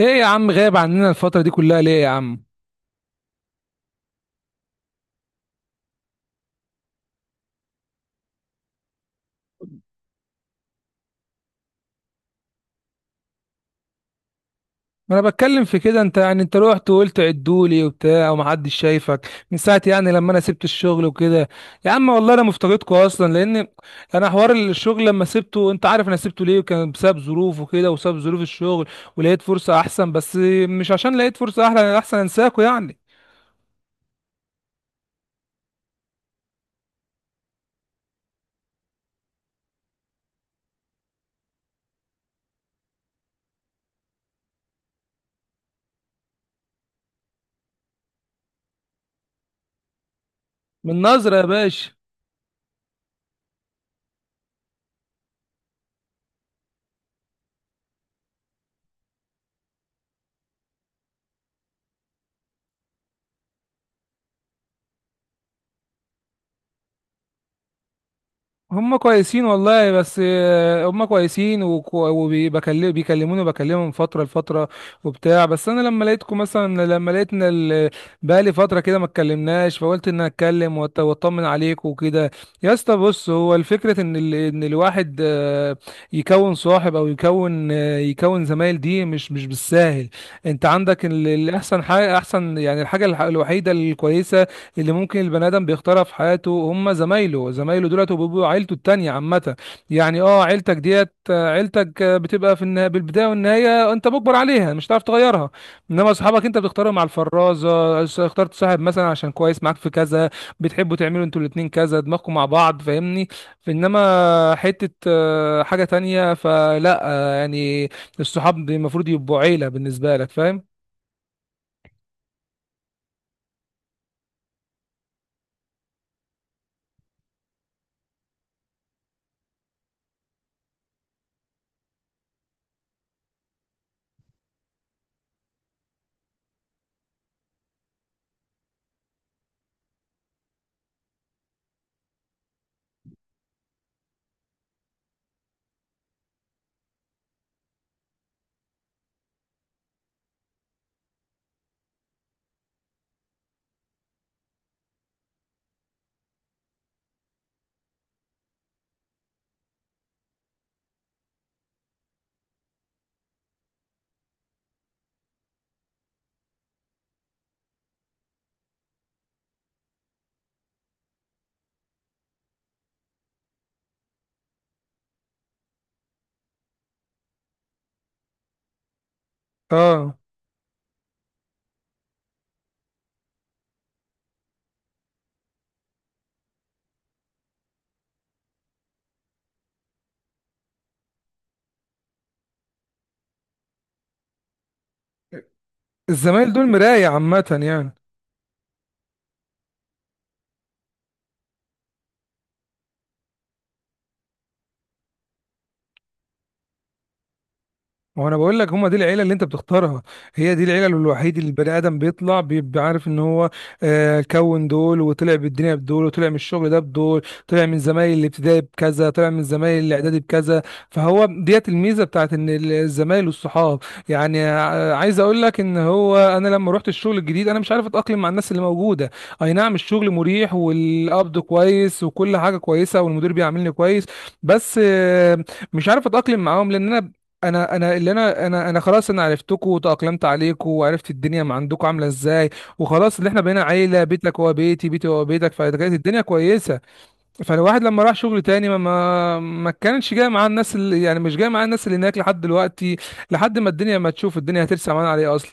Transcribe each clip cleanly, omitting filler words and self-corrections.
ايه يا عم غايب عننا الفترة دي كلها ليه يا عم؟ ما انا بتكلم في كده. انت رحت وقلت عدولي وبتاع، ومحدش شايفك من ساعة يعني لما انا سبت الشغل وكده. يا عم والله انا مفتقدكوا اصلا، لان انا حوار الشغل لما سبته انت عارف انا سبته ليه، وكان بسبب ظروف وكده، وسبب ظروف الشغل، ولقيت فرصة احسن. بس مش عشان لقيت فرصة احلى احسن انساكوا يعني، من نظرة يا باشا. هم كويسين والله، بس هم كويسين، وبيكلموني وبكلمهم فترة لفترة وبتاع. بس انا لما لقيتكم مثلا، لما لقيت ان بقالي فترة كده ما اتكلمناش، فقلت ان أنا اتكلم واطمن عليكم وكده. يا اسطى بص، هو الفكرة ان ان الواحد يكون صاحب، او يكون زمايل، دي مش بالساهل. انت عندك الاحسن حاجة احسن يعني، الحاجة الوحيدة الكويسة اللي ممكن البني ادم بيختارها في حياته، هم زمايله. زمايله دولت وبيبقوا عيلته التانية عامة. يعني عيلتك ديت، عيلتك بتبقى في بالبداية والنهاية انت مجبر عليها، مش هتعرف تغيرها. انما اصحابك انت بتختارهم على الفرازة. اخترت صاحب مثلا عشان كويس معاك في كذا، بتحبوا تعملوا انتوا الاتنين كذا، دماغكم مع بعض، فاهمني؟ انما حتة آه، حاجة تانية فلا، يعني الصحاب المفروض يبقوا عيلة بالنسبة لك، فاهم؟ اه الزمايل دول مراية عامة يعني. ما هو انا بقول لك، هم دي العيله اللي انت بتختارها، هي دي العيله الوحيده اللي البني ادم بيطلع بيبقى عارف ان هو كون دول، وطلع بالدنيا بدول، وطلع من الشغل ده بدول، طلع من زمايل الابتدائي بكذا، طلع من زمايل الاعدادي بكذا. فهو ديت الميزه بتاعت ان الزمايل والصحاب. يعني عايز اقول لك ان هو انا لما رحت الشغل الجديد، انا مش عارف اتاقلم مع الناس اللي موجوده. اي نعم الشغل مريح، والقبض كويس، وكل حاجه كويسه، والمدير بيعاملني كويس، بس مش عارف اتاقلم معاهم، لان انا، انا انا اللي انا انا انا خلاص انا عرفتكوا وتأقلمت عليكوا، وعرفت الدنيا ما عندكوا عامله ازاي، وخلاص اللي احنا بقينا عيله، بيتك هو بيتي، بيتي هو بيتك، فكانت الدنيا كويسه. فالواحد لما راح شغل تاني ما كانش جاي معاه الناس اللي يعني، مش جاي معاه الناس اللي هناك لحد دلوقتي، لحد ما الدنيا، ما تشوف الدنيا هترسى معانا عليه اصلا.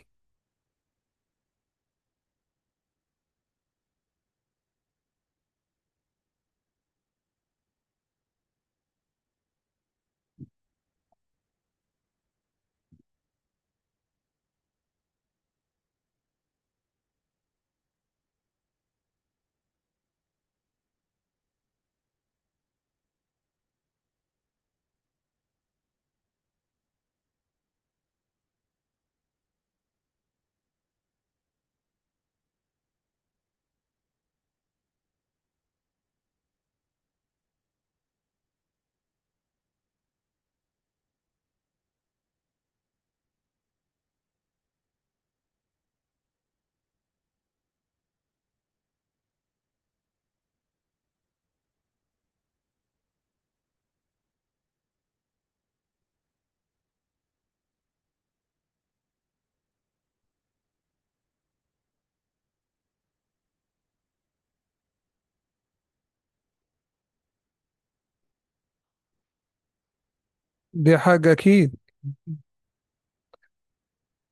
دي حاجه اكيد.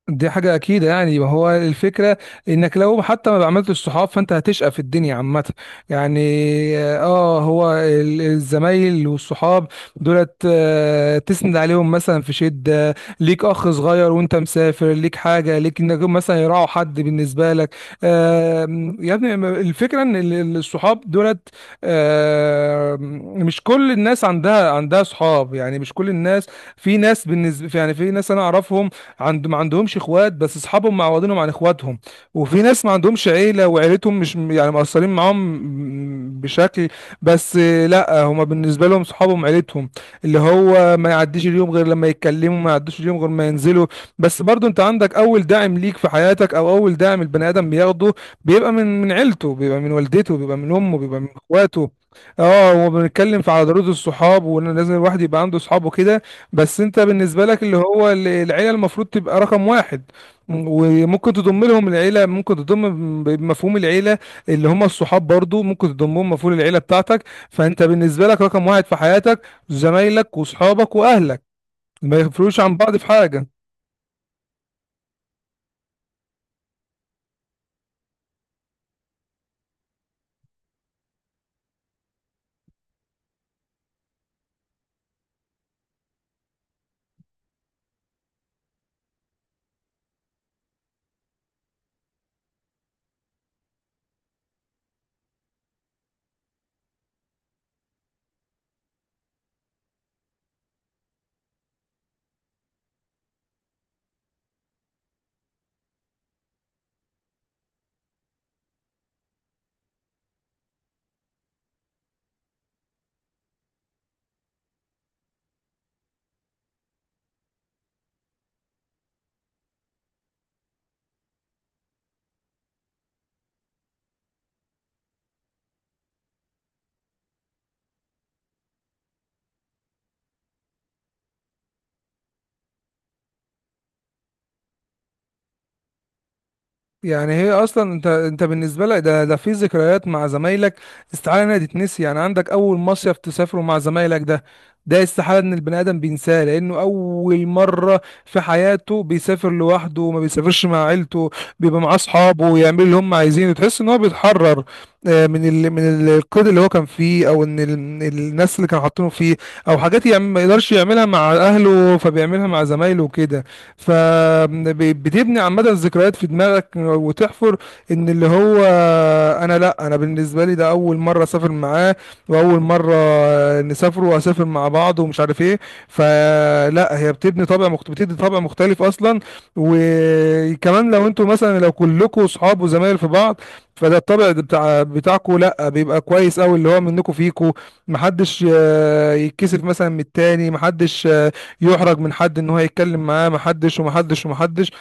دي حاجة أكيدة يعني. ما هو الفكرة، إنك لو حتى ما عملتش صحاب، فأنت هتشقى في الدنيا عامة يعني. آه هو الزمايل والصحاب دولت، تسند عليهم مثلا في شدة، ليك أخ صغير وأنت مسافر، ليك حاجة، ليك إنك مثلا يراعوا حد بالنسبة لك. يا ابني، الفكرة إن الصحاب دولت، مش كل الناس عندها صحاب يعني، مش كل الناس. في ناس بالنسبة يعني، في ناس أنا أعرفهم ما عندهمش اخوات، بس اصحابهم معوضينهم عن اخواتهم. وفي ناس ما عندهمش عيله، وعيلتهم مش يعني مقصرين معاهم بشكل، بس لا، هما بالنسبه لهم صحابهم عيلتهم، اللي هو ما يعديش اليوم غير لما يتكلموا، ما يعديش اليوم غير ما ينزلوا. بس برضو انت عندك اول داعم ليك في حياتك، او اول داعم البني ادم بياخده بيبقى من عيلته، بيبقى من والدته، بيبقى من امه، بيبقى من اخواته. اه وبنتكلم في على ضروره الصحاب، وان لازم الواحد يبقى عنده صحابه كده. بس انت بالنسبة لك، اللي هو العيلة المفروض تبقى رقم واحد. وممكن تضم لهم العيلة، ممكن تضم بمفهوم العيلة اللي هم الصحاب برضو، ممكن تضمهم مفهوم العيلة بتاعتك. فانت بالنسبة لك رقم واحد في حياتك، زمايلك وصحابك واهلك ما يفرقوش عن بعض في حاجة. يعني هي اصلا، انت بالنسبه لك ده في ذكريات مع زمايلك استحاله انها تتنسي، يعني عندك اول مصيف تسافره مع زمايلك ده، ده استحاله ان البني ادم بينساه، لانه اول مره في حياته بيسافر لوحده، وما بيسافرش مع عيلته، بيبقى مع اصحابه ويعمل اللي هم عايزينه، تحس ان هو بيتحرر من القيد اللي هو كان فيه، او ان من الناس اللي كانوا حاطينه فيه، او حاجات ما يقدرش يعملها مع اهله فبيعملها مع زمايله وكده. فبتبني عامة ذكريات في دماغك وتحفر ان اللي هو، انا لا، انا بالنسبة لي ده اول مرة اسافر معاه، واول مرة نسافر واسافر مع بعض ومش عارف ايه، فلا هي بتبني طابع بتدي طابع مختلف اصلا. وكمان لو انتوا مثلا، لو كلكم صحاب وزمايل في بعض، فده الطبع ده بتاعكوا لا، بيبقى كويس قوي، اللي هو منكم فيكوا محدش يتكسف مثلا من التاني، محدش يحرج من حد ان هو يتكلم معاه، محدش ومحدش ومحدش.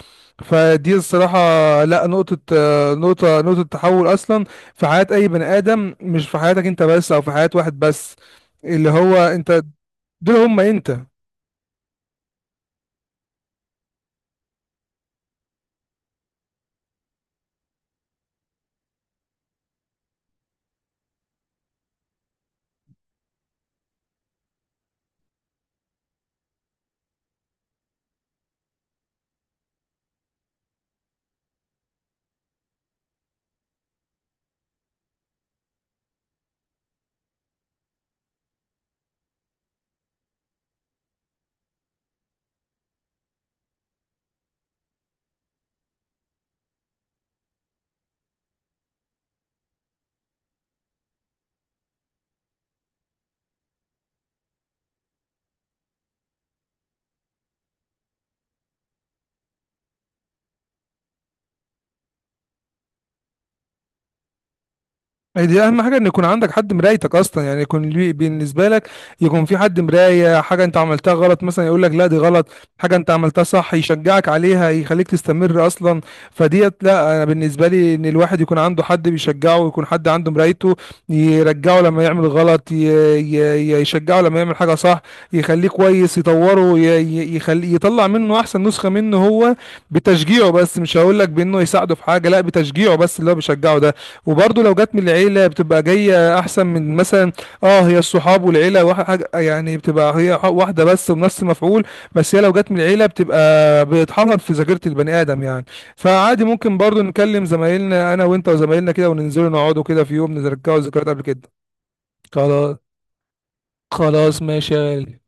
فدي الصراحة لا، نقطة، نقطة تحول أصلا في حياة أي بني آدم، مش في حياتك أنت بس، أو في حياة واحد بس، اللي هو أنت، دول هم أنت. أي دي اهم حاجه، ان يكون عندك حد مرايتك اصلا، يعني يكون بالنسبه لك، يكون في حد مرايه، حاجه انت عملتها غلط مثلا يقول لك لا دي غلط، حاجه انت عملتها صح يشجعك عليها يخليك تستمر اصلا. فديت لا، انا بالنسبه لي ان الواحد يكون عنده حد بيشجعه، ويكون حد عنده مرايته، يرجعه لما يعمل غلط، يشجعه لما يعمل حاجه صح، يخليه كويس، يطوره، يخلي يطلع منه احسن نسخه منه هو. بتشجيعه بس، مش هقول لك بانه يساعده في حاجه، لا، بتشجيعه بس اللي هو بيشجعه ده. وبرضه لو جت من العيلة بتبقى جاية أحسن من مثلا، اه هي الصحاب والعيلة واحد، يعني بتبقى هي واحدة بس بنفس المفعول. بس هي لو جت من العيلة بتبقى بتحفر في ذاكرة البني آدم يعني. فعادي ممكن برضه نكلم زمايلنا أنا وأنت وزمايلنا كده، وننزلوا نقعدوا كده في يوم نرجعوا ذكريات قبل كده. خلاص. خلاص ماشي يا غالي.